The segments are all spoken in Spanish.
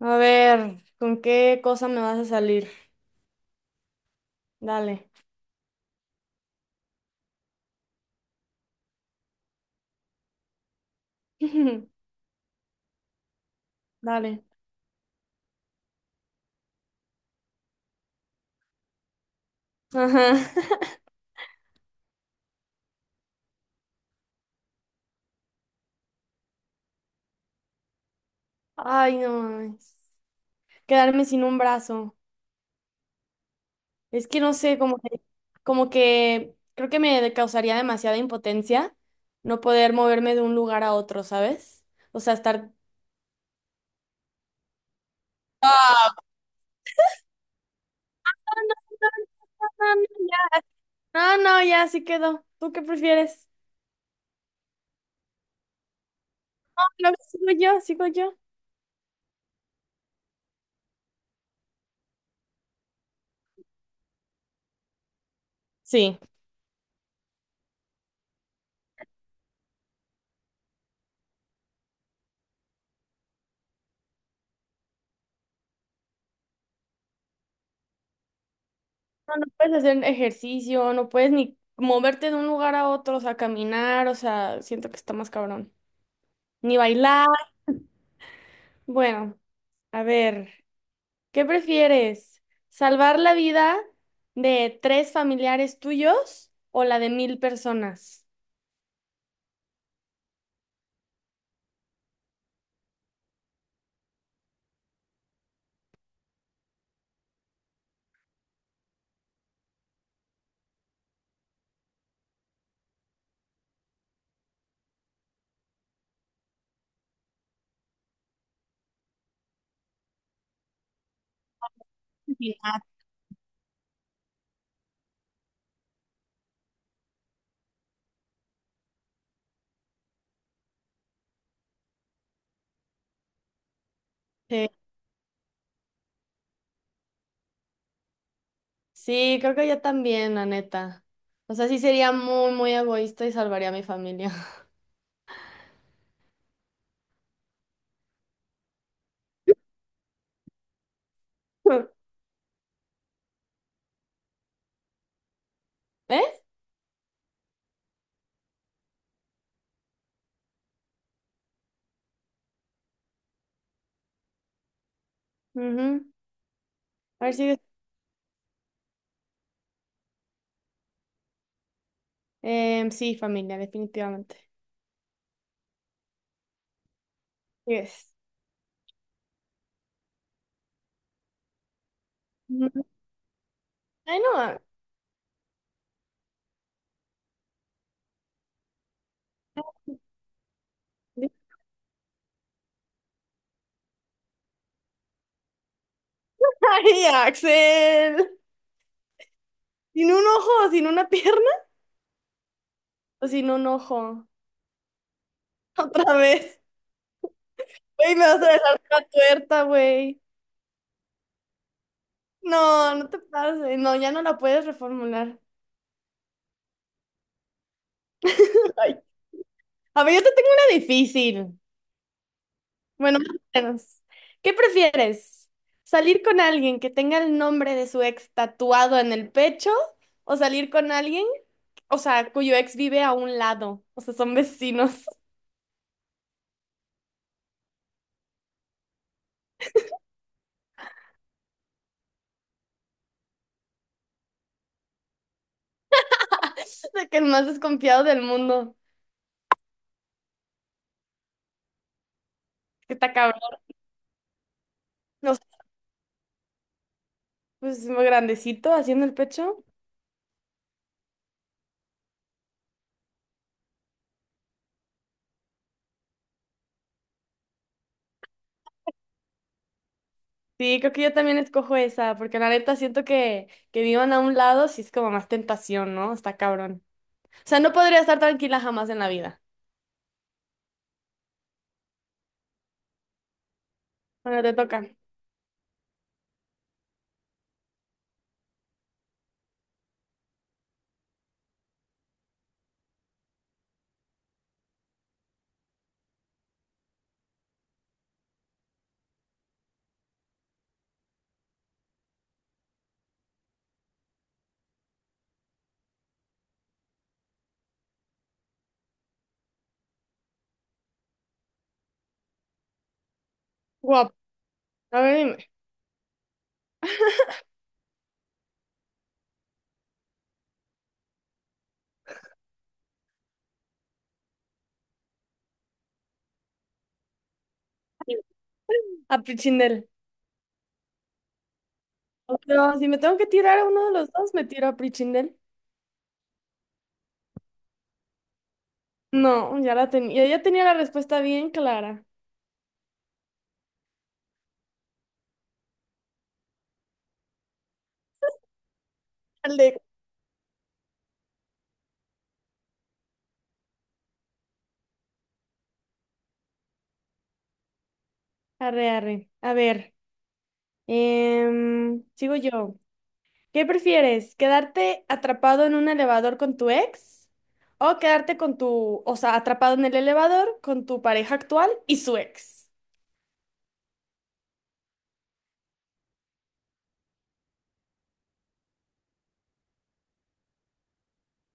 A ver, ¿con qué cosa me vas a salir? Dale. Dale. Ajá. Ay, no mames. Quedarme sin un brazo. Es que no sé, como que creo que me causaría demasiada impotencia no poder moverme de un lugar a otro, ¿sabes? O sea, estar... Ah, no, ya. No, no, ya, sí quedó. ¿Tú qué prefieres? No, sigo yo, sigo yo. Sí. No, no puedes hacer ejercicio, no puedes ni moverte de un lugar a otro, o sea, caminar, o sea, siento que está más cabrón. Ni bailar. Bueno, a ver, ¿qué prefieres? ¿Salvar la vida de tres familiares tuyos o la de mil personas? Sí. Sí, sí, creo que yo también, la neta. O sea, sí sería muy, muy egoísta y salvaría a mi familia. ¿Eh? Ujú. A ver si... sí, familia, definitivamente. Yes. Ujú. Ay, no. Ay, Axel. Sin un ojo, sin una pierna o sin un ojo. Otra vez. Güey, me vas a dejar la tuerta, güey. No, no te pases. No, ya no la puedes reformular. Ay. A ver, yo te tengo una difícil. Bueno, más o menos. ¿Qué prefieres? ¿Salir con alguien que tenga el nombre de su ex tatuado en el pecho o salir con alguien, o sea, cuyo ex vive a un lado? O sea, son vecinos. De que el más desconfiado del mundo. Que está cabrón. O pues muy grandecito, haciendo el pecho. Sí, creo que yo también escojo esa, porque la neta siento que vivan a un lado sí es como más tentación, ¿no? Está cabrón. O sea, no podría estar tranquila jamás en la vida. Bueno, te toca. Guap. A ver, dime. A Prichindel. Pero si me tengo que tirar a uno de los dos, me tiro a Prichindel. No, ya la tenía. Ya tenía la respuesta bien clara. Dale. Arre, arre. A ver. Sigo yo. ¿Qué prefieres? ¿Quedarte atrapado en un elevador con tu ex? ¿O quedarte con tu, o sea, atrapado en el elevador con tu pareja actual y su ex?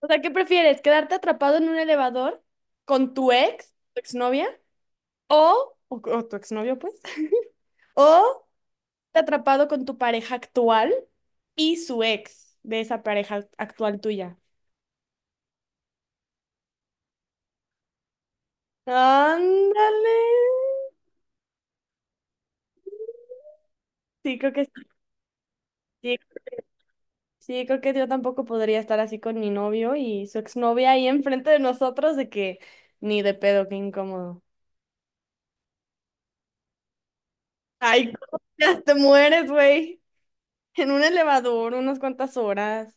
O sea, ¿qué prefieres? ¿Quedarte atrapado en un elevador con tu ex, tu exnovia? O tu exnovio, pues? ¿O te atrapado con tu pareja actual y su ex de esa pareja actual tuya? Ándale. Sí, creo que sí. Sí, creo que yo tampoco podría estar así con mi novio y su exnovia ahí enfrente de nosotros, de que ni de pedo, qué incómodo. Ay, ¿cómo te mueres, güey? En un elevador, unas cuantas horas.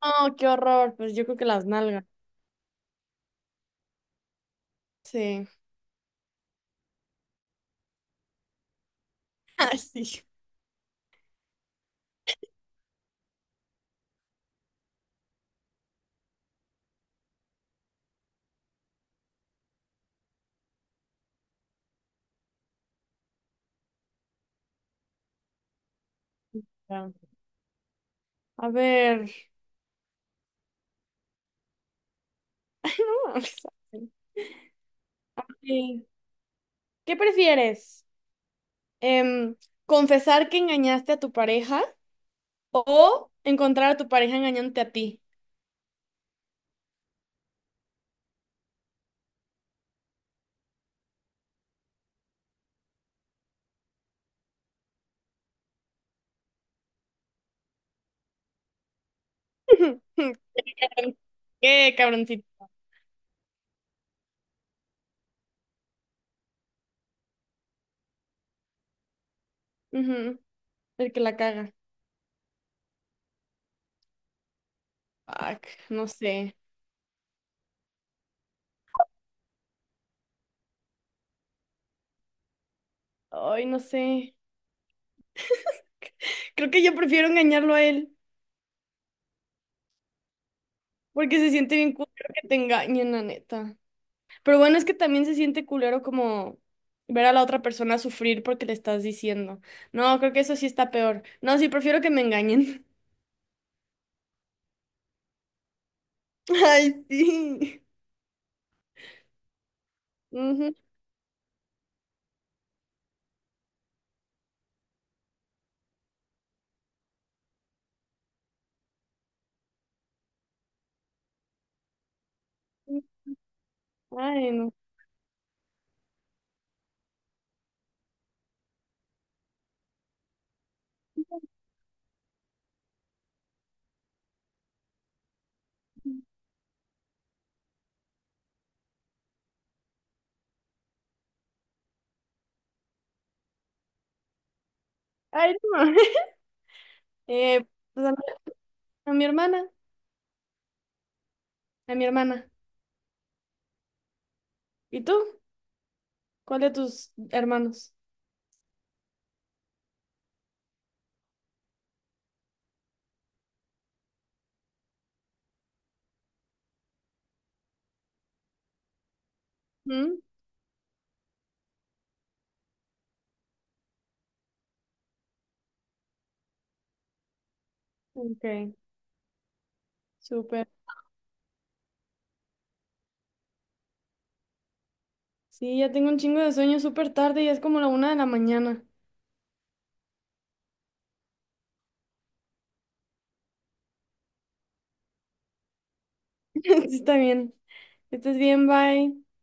Oh, qué horror. Pues yo creo que las nalgas. Sí. Ay, sí. Ya. A ver. Ay, no mames. Sí. ¿Qué prefieres? Em, ¿Confesar que engañaste a tu pareja o encontrar a tu pareja engañándote a ti? ¿Qué, cabroncito? Ujú. El que la caga. Fuck, no sé. Ay, no sé. Creo que yo prefiero engañarlo a él, porque se siente bien culero que te engañen, la neta. Pero bueno, es que también se siente culero como ver a la otra persona sufrir porque le estás diciendo. No, creo que eso sí está peor. No, sí, prefiero que me engañen. Ay, sí. Ujú. Ay, no. Ay, no. Eh, pues a mi hermana, a mi hermana. ¿Y tú? ¿Cuál de tus hermanos? ¿Mm? Ok, súper. Sí, ya tengo un chingo de sueño súper tarde y es como la una de la mañana. Está bien. Estás bien, bye.